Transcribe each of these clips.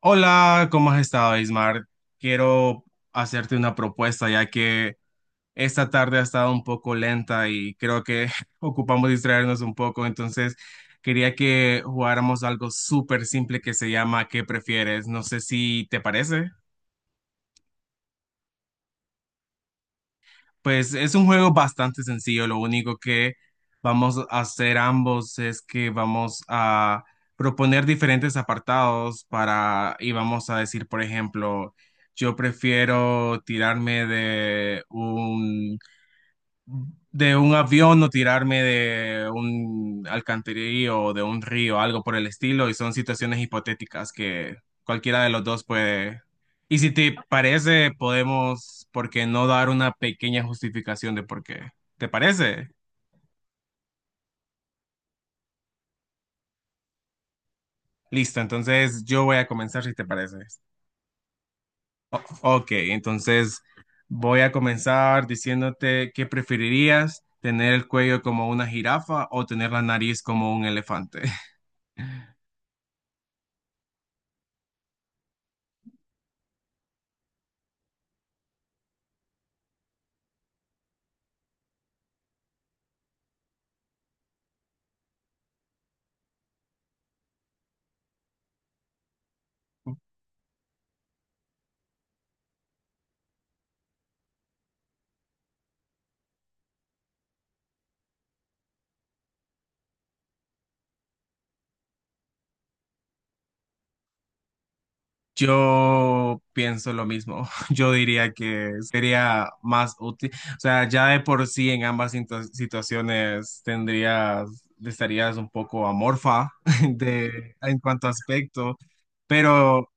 Hola, ¿cómo has estado, Ismar? Quiero hacerte una propuesta, ya que esta tarde ha estado un poco lenta y creo que ocupamos distraernos un poco, entonces quería que jugáramos algo súper simple que se llama ¿Qué prefieres? No sé si te parece. Pues es un juego bastante sencillo, lo único que vamos a hacer ambos es que vamos a proponer diferentes apartados para y vamos a decir, por ejemplo, yo prefiero tirarme de un avión o tirarme de un alcantarillo o de un río, algo por el estilo, y son situaciones hipotéticas que cualquiera de los dos puede. Y si te parece, podemos, ¿por qué no dar una pequeña justificación de por qué? ¿Te parece? Listo, entonces yo voy a comenzar si te parece. Ok, entonces voy a comenzar diciéndote qué preferirías, tener el cuello como una jirafa o tener la nariz como un elefante. Yo pienso lo mismo. Yo diría que sería más útil. O sea, ya de por sí en ambas situaciones tendrías, estarías un poco amorfa de, en cuanto a aspecto, pero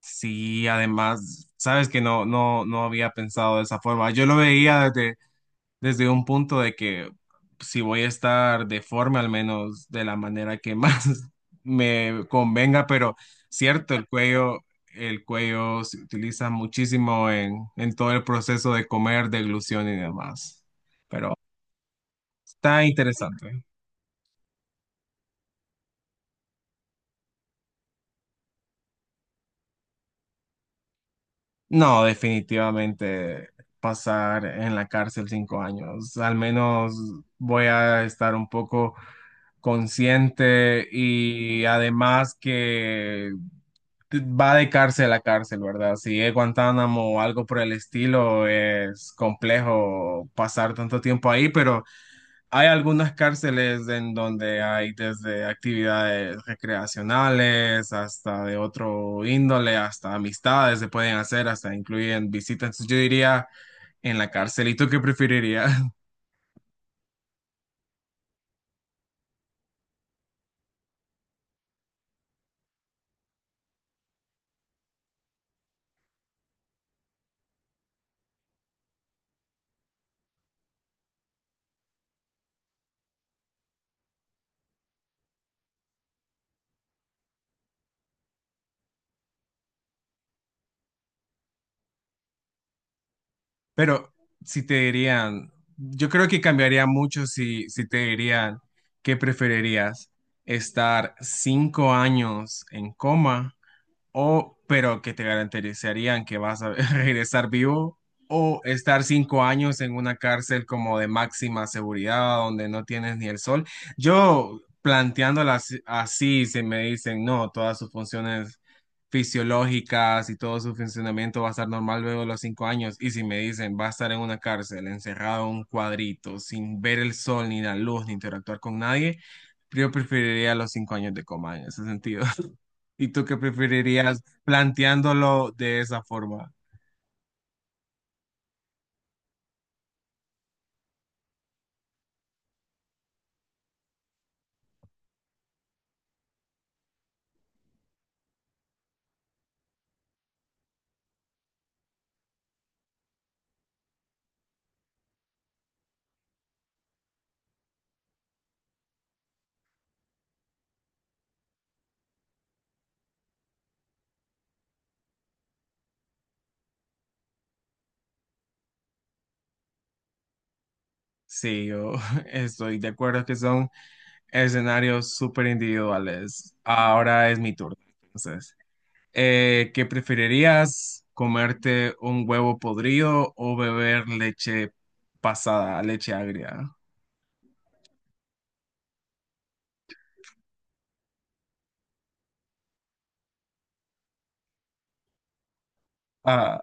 sí, además, sabes que no había pensado de esa forma. Yo lo veía desde un punto de que si voy a estar deforme, al menos de la manera que más me convenga, pero cierto, el cuello se utiliza muchísimo en todo el proceso de comer, deglución y demás. Pero está interesante. No, definitivamente pasar en la cárcel 5 años. Al menos voy a estar un poco consciente y además que va de cárcel a cárcel, ¿verdad? Si es Guantánamo o algo por el estilo, es complejo pasar tanto tiempo ahí, pero hay algunas cárceles en donde hay desde actividades recreacionales hasta de otro índole, hasta amistades se pueden hacer, hasta incluyen visitas. Entonces, yo diría en la cárcel. ¿Y tú qué preferirías? Pero si te dirían, yo creo que cambiaría mucho si te dirían que preferirías estar 5 años en coma o pero que te garantizarían que vas a regresar vivo o estar 5 años en una cárcel como de máxima seguridad donde no tienes ni el sol. Yo planteándolas así, se me dicen, no, todas sus funciones fisiológicas y todo su funcionamiento va a estar normal luego de los 5 años. Y si me dicen, va a estar en una cárcel, encerrado en un cuadrito, sin ver el sol, ni la luz, ni interactuar con nadie, yo preferiría los 5 años de coma en ese sentido. ¿Y tú qué preferirías planteándolo de esa forma? Sí, yo estoy de acuerdo que son escenarios súper individuales. Ahora es mi turno. Entonces, ¿qué preferirías? ¿Comerte un huevo podrido o beber leche pasada, leche agria? Ah.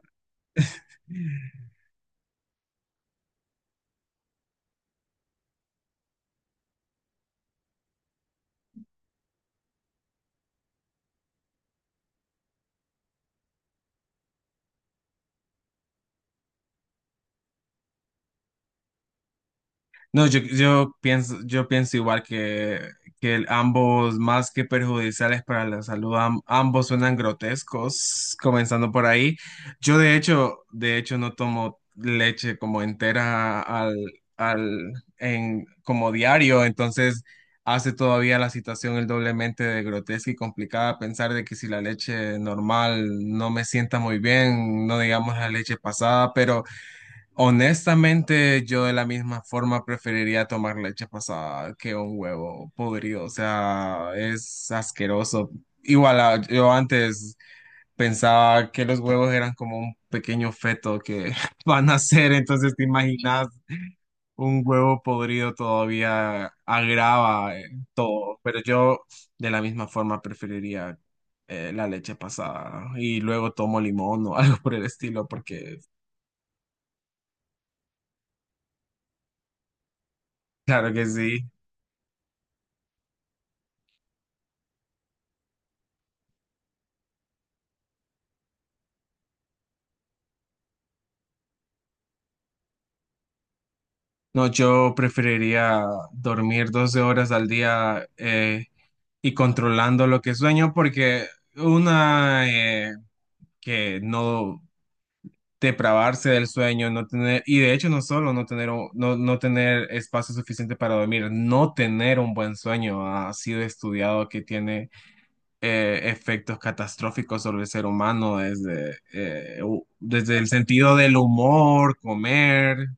No, yo pienso igual que ambos, más que perjudiciales para la salud, ambos suenan grotescos, comenzando por ahí. Yo de hecho no tomo leche como entera como diario, entonces hace todavía la situación el doblemente de grotesca y complicada pensar de que si la leche normal no me sienta muy bien, no digamos la leche pasada, pero. Honestamente, yo de la misma forma preferiría tomar leche pasada que un huevo podrido. O sea, es asqueroso. Igual, ah, yo antes pensaba que los huevos eran como un pequeño feto que van a ser. Entonces, ¿te imaginas un huevo podrido todavía agrava todo? Pero yo de la misma forma preferiría la leche pasada. Y luego tomo limón o algo por el estilo, porque claro que sí. No, yo preferiría dormir 12 horas al día y controlando lo que sueño porque una que no depravarse del sueño, no tener, y de hecho no solo no tener, no tener espacio suficiente para dormir, no tener un buen sueño ha sido estudiado que tiene efectos catastróficos sobre el ser humano desde el sentido del humor, comer.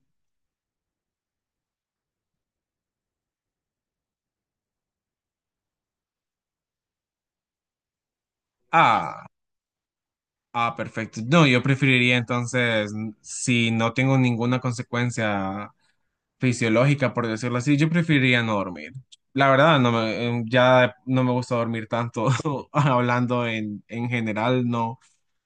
Ah. Ah, perfecto. No, yo preferiría entonces, si no tengo ninguna consecuencia fisiológica, por decirlo así, yo preferiría no dormir. La verdad, ya no me gusta dormir tanto, hablando en general, no.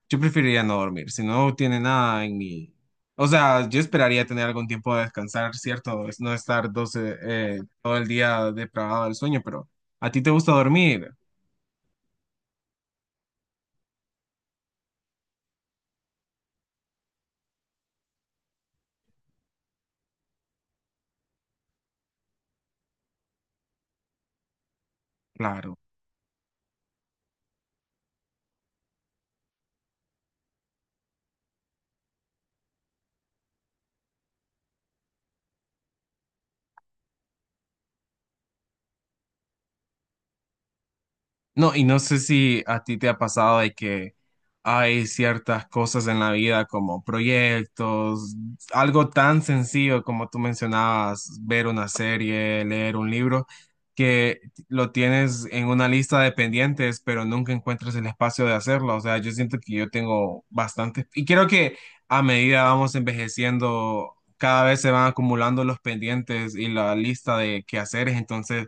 Yo preferiría no dormir, si no tiene nada en mi. O sea, yo esperaría tener algún tiempo de descansar, ¿cierto? Es no estar 12, todo el día depravado del sueño, pero ¿a ti te gusta dormir? Claro. No, y no sé si a ti te ha pasado de que hay ciertas cosas en la vida como proyectos, algo tan sencillo como tú mencionabas, ver una serie, leer un libro, que lo tienes en una lista de pendientes, pero nunca encuentras el espacio de hacerlo. O sea, yo siento que yo tengo bastante, y creo que a medida vamos envejeciendo, cada vez se van acumulando los pendientes y la lista de quehaceres, entonces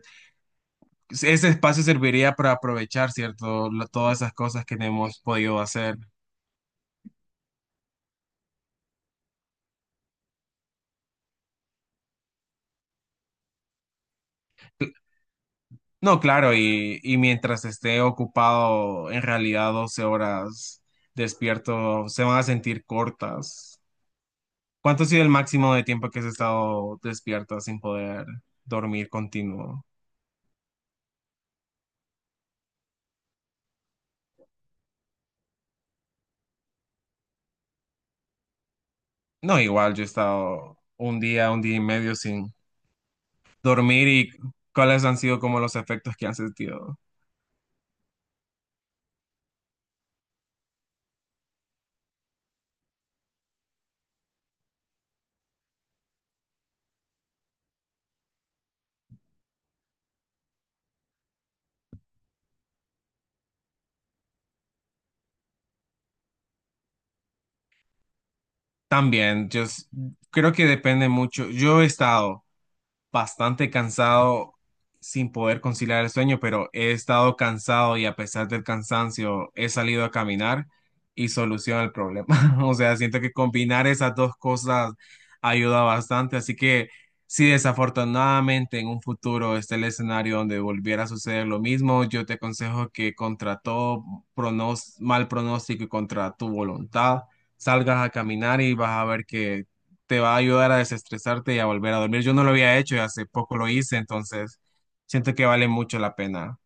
ese espacio serviría para aprovechar, ¿cierto? Lo- todas esas cosas que no hemos podido hacer. No, claro, y mientras esté ocupado, en realidad 12 horas despierto se van a sentir cortas. ¿Cuánto ha sido el máximo de tiempo que has estado despierta sin poder dormir continuo? No, igual yo he estado un día y medio sin dormir y cuáles han sido como los efectos que han sentido. También, yo creo que depende mucho. Yo he estado bastante cansado sin poder conciliar el sueño, pero he estado cansado y a pesar del cansancio he salido a caminar y soluciona el problema. O sea, siento que combinar esas dos cosas ayuda bastante, así que si desafortunadamente en un futuro está el escenario donde volviera a suceder lo mismo, yo te aconsejo que contra todo mal pronóstico y contra tu voluntad, salgas a caminar y vas a ver que te va a ayudar a desestresarte y a volver a dormir. Yo no lo había hecho y hace poco lo hice, entonces siento que vale mucho la pena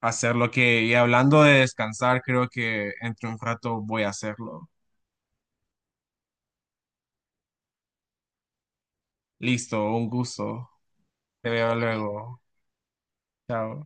hacerlo. Y hablando de descansar, creo que entre un rato voy a hacerlo. Listo, un gusto. Te veo luego. Chao.